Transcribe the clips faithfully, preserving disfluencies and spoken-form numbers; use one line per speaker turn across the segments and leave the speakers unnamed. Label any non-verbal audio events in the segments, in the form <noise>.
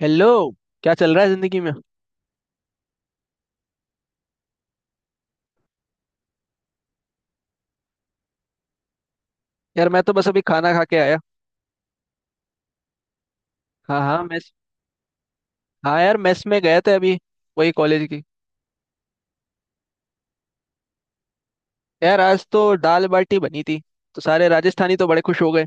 Hello. क्या चल रहा है जिंदगी में। यार, मैं तो बस अभी खाना खा के आया। हाँ हाँ, मेस। हाँ यार, मेस में गए थे अभी, वही कॉलेज की। यार, आज तो दाल बाटी बनी थी, तो सारे राजस्थानी तो बड़े खुश हो गए।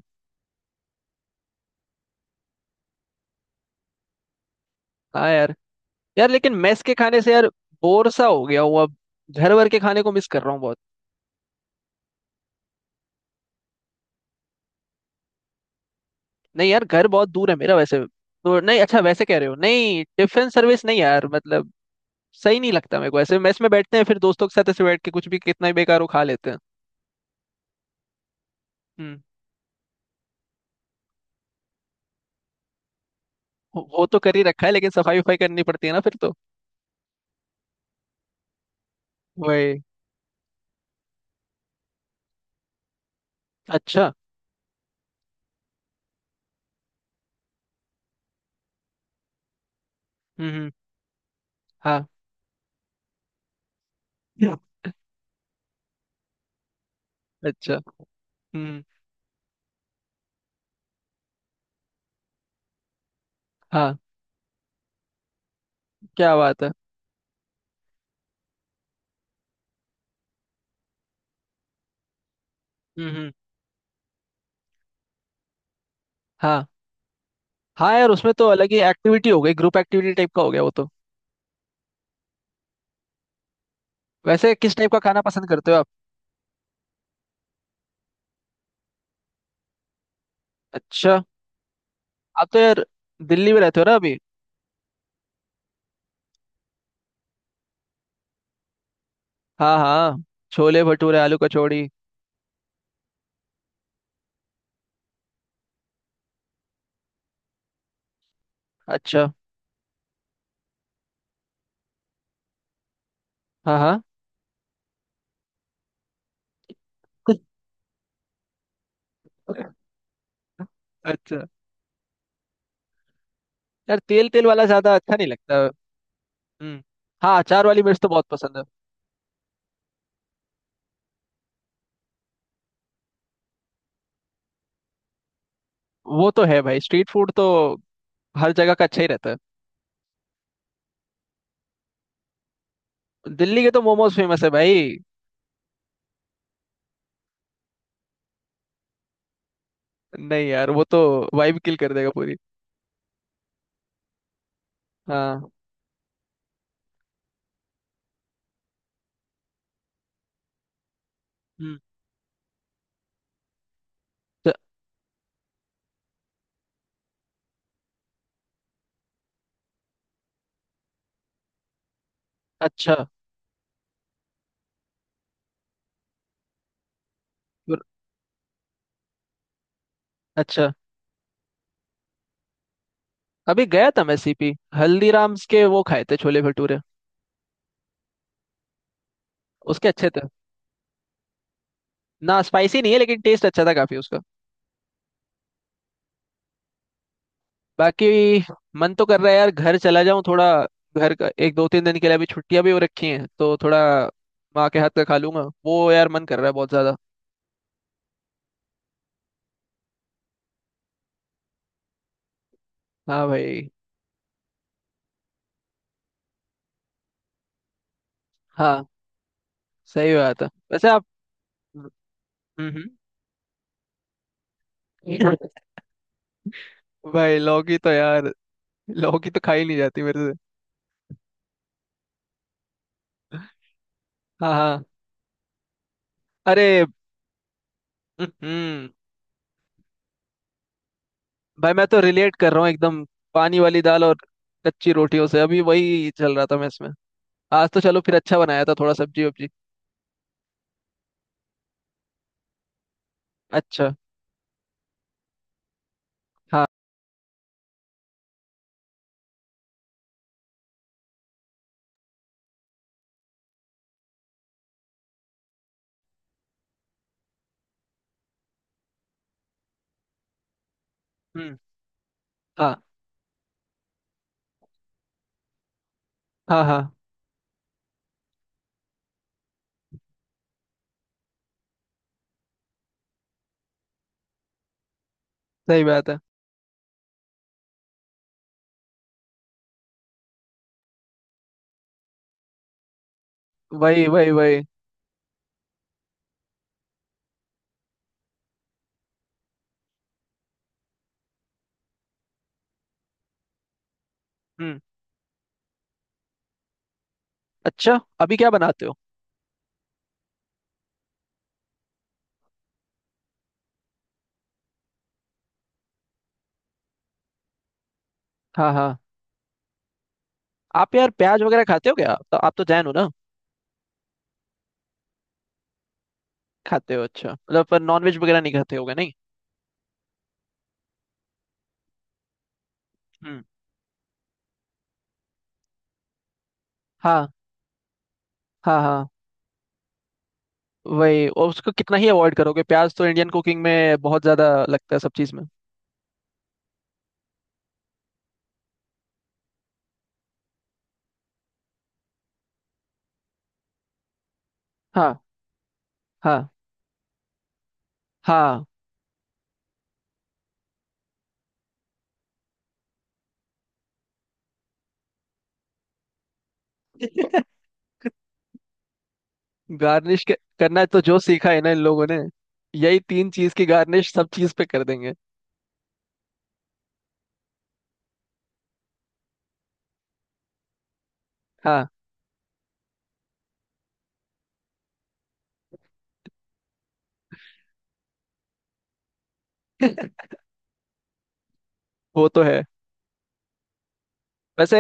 हाँ यार। यार लेकिन मेस के खाने से यार, बोर सा हो गया हूँ अब। घर वर के खाने को मिस कर रहा हूँ बहुत। नहीं यार, घर बहुत दूर है मेरा। वैसे तो नहीं, अच्छा वैसे कह रहे हो। नहीं टिफिन सर्विस, नहीं यार, मतलब। सही नहीं लगता मेरे को, ऐसे मेस में बैठते हैं फिर दोस्तों के साथ, ऐसे बैठ के कुछ भी, कितना ही बेकार हो, खा लेते हैं। हम्म। वो वो तो कर ही रखा है, लेकिन सफाई वफाई करनी पड़ती है ना फिर तो। वही। अच्छा। हम्म, हम्म, हाँ। Yeah. अच्छा। हम्म। हाँ। क्या बात है। हम्म, हम्म, हाँ। हाँ यार, उसमें तो अलग ही एक्टिविटी हो गई, ग्रुप एक्टिविटी टाइप का हो गया वो तो। वैसे किस टाइप का खाना पसंद करते हो आप? अच्छा। आप तो यार दिल्ली में रहते हो ना अभी। हाँ हाँ। छोले भटूरे, आलू कचौड़ी। अच्छा। हाँ हाँ। अच्छा। यार तेल तेल वाला ज्यादा अच्छा नहीं लगता। हम्म। हाँ, अचार वाली मिर्च तो बहुत पसंद है। वो तो है भाई, स्ट्रीट फूड तो हर जगह का अच्छा ही रहता है। दिल्ली के तो मोमोज फेमस है भाई। नहीं यार, वो तो वाइब किल कर देगा पूरी। हाँ। हम्म। तो, अच्छा। फिर- अच्छा। अभी गया था मैं सीपी, हल्दीराम्स के वो खाए थे छोले भटूरे। उसके अच्छे थे। ना स्पाइसी नहीं है, लेकिन टेस्ट अच्छा था काफी उसका। बाकी, मन तो कर रहा है यार घर चला जाऊं थोड़ा। घर का, एक दो तीन दिन के लिए अभी छुट्टियां भी हो रखी हैं तो थोड़ा, माँ के हाथ का खा लूंगा वो, यार मन कर रहा है बहुत ज्यादा। हाँ भाई। हाँ। सही बात है वैसे आप। हम्म, हम्म। <laughs> भाई लौकी तो यार, लौकी तो खाई नहीं जाती मेरे। हाँ हाँ। अरे। हम्म। भाई मैं तो रिलेट कर रहा हूँ एकदम। पानी वाली दाल और कच्ची रोटियों से, अभी वही चल रहा था मैं इसमें। आज तो चलो फिर, अच्छा बनाया था थोड़ा, सब्जी वब्जी। अच्छा। हाँ। हम्म। हाँ हाँ हाँ। सही बात है। वही वही वही। हम्म। अच्छा, अभी क्या बनाते हो? हाँ हाँ। आप यार प्याज वगैरह खाते हो क्या? तो आप तो जैन हो ना? खाते हो अच्छा, मतलब पर नॉन वेज वगैरह नहीं खाते होगे, नहीं? हम्म। हाँ हाँ हाँ। वही, और उसको कितना ही अवॉइड करोगे, प्याज तो इंडियन कुकिंग में बहुत ज्यादा लगता है सब चीज में। हाँ हाँ हाँ। गार्निश करना है तो जो सीखा है ना इन लोगों ने, यही तीन चीज की गार्निश सब चीज पे कर देंगे। हाँ। <laughs> वो तो है। वैसे,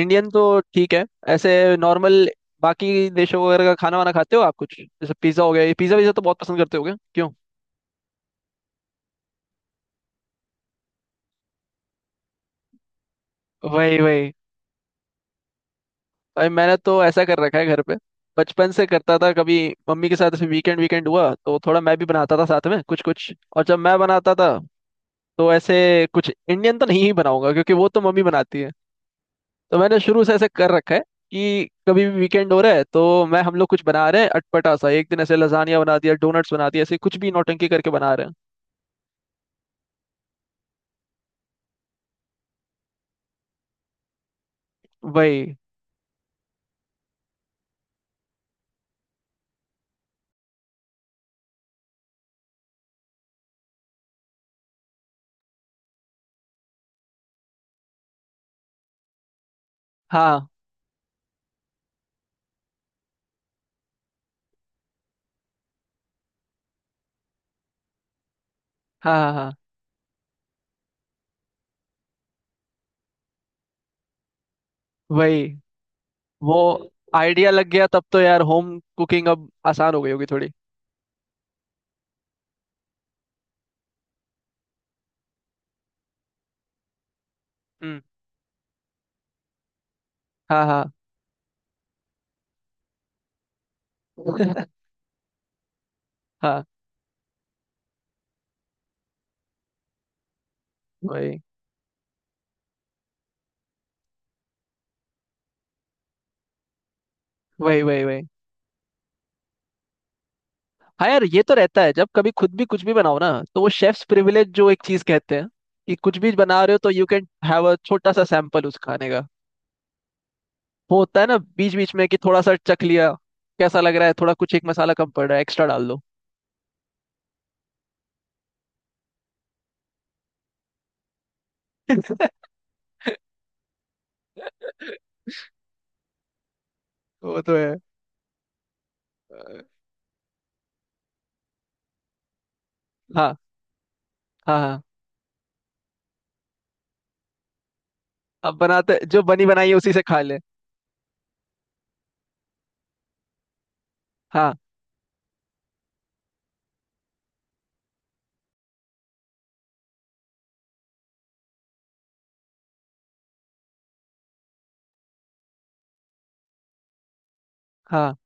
इंडियन तो ठीक है, ऐसे नॉर्मल। बाकी देशों वगैरह का खाना वाना खाते हो आप कुछ? जैसे पिज्जा हो गया, ये पिज्जा विज्जा तो बहुत पसंद करते हो क्या? क्यों? वही वही। भाई मैंने तो ऐसा कर रखा है घर पे, बचपन से करता था। कभी मम्मी के साथ ऐसे, वीकेंड वीकेंड हुआ तो थोड़ा मैं भी बनाता था साथ में कुछ कुछ। और जब मैं बनाता था तो ऐसे, कुछ इंडियन तो नहीं ही बनाऊंगा क्योंकि वो तो मम्मी बनाती है। तो मैंने शुरू से ऐसे कर रखा है कि कभी भी वीकेंड हो रहा है तो मैं, हम लोग कुछ बना रहे हैं अटपटा सा। एक दिन ऐसे लजानिया बना दिया, डोनट्स बना दिया, ऐसे कुछ भी नौटंकी करके बना रहे हैं। वही। हाँ हाँ हाँ हाँ। वही। वो आइडिया लग गया तब तो यार, होम कुकिंग अब आसान हो गई होगी थोड़ी। हम्म। हाँ हाँ। <laughs> हाँ। वही वही वही वही। हाँ यार, ये तो रहता है जब कभी खुद भी कुछ भी बनाओ ना, तो वो शेफ्स प्रिविलेज जो एक चीज कहते हैं, कि कुछ भी बना रहे हो तो यू कैन हैव अ छोटा सा सैंपल उस खाने का। होता है ना बीच बीच में कि थोड़ा सा चख लिया, कैसा लग रहा है, थोड़ा कुछ एक मसाला कम पड़ रहा है एक्स्ट्रा डाल दो। <laughs> वो तो है। अ, हाँ हाँ हाँ। अब बनाते जो बनी बनाई है उसी से खा ले। हाँ हाँ।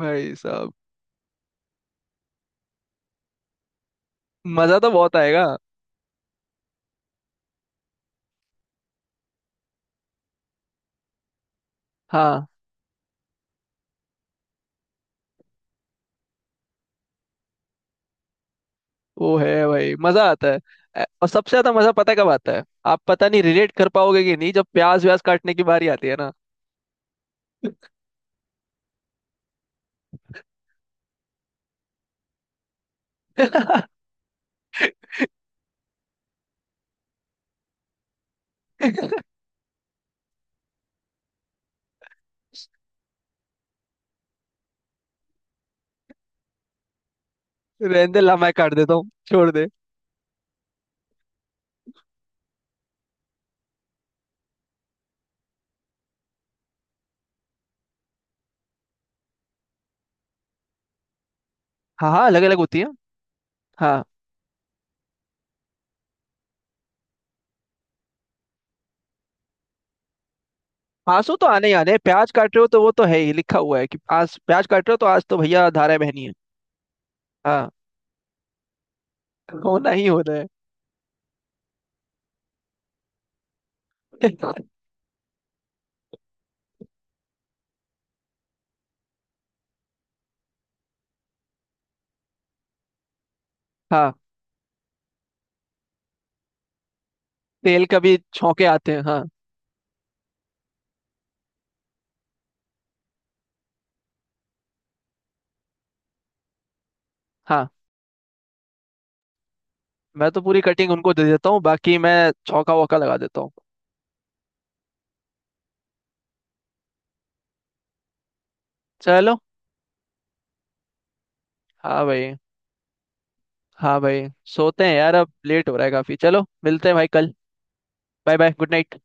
भाई साहब। मजा तो बहुत आएगा। हाँ। वो है भाई, मजा आता है। ए- और सबसे ज्यादा मजा पता है कब आता है? आप पता नहीं रिलेट कर पाओगे कि नहीं, जब प्याज व्याज काटने की बारी आती है ना। <laughs> रहने दे, ला मैं काट देता हूँ, छोड़ दे। हाँ हाँ, अलग अलग होती है। आंसू तो आने ही आने हैं। प्याज काट रहे हो तो वो तो है ही, लिखा हुआ है कि आज प्याज काट रहे हो तो आज तो भैया धारा बहनी है। हाँ। होना ही होना है। <laughs> हाँ। तेल कभी छौके आते हैं, हाँ। हाँ। मैं तो पूरी कटिंग उनको दे देता हूँ, बाकी मैं छौका वौका लगा देता हूँ। चलो। हाँ भाई। हाँ भाई। सोते हैं यार, अब लेट हो रहा है काफी, चलो मिलते हैं भाई कल। Bye bye, good night.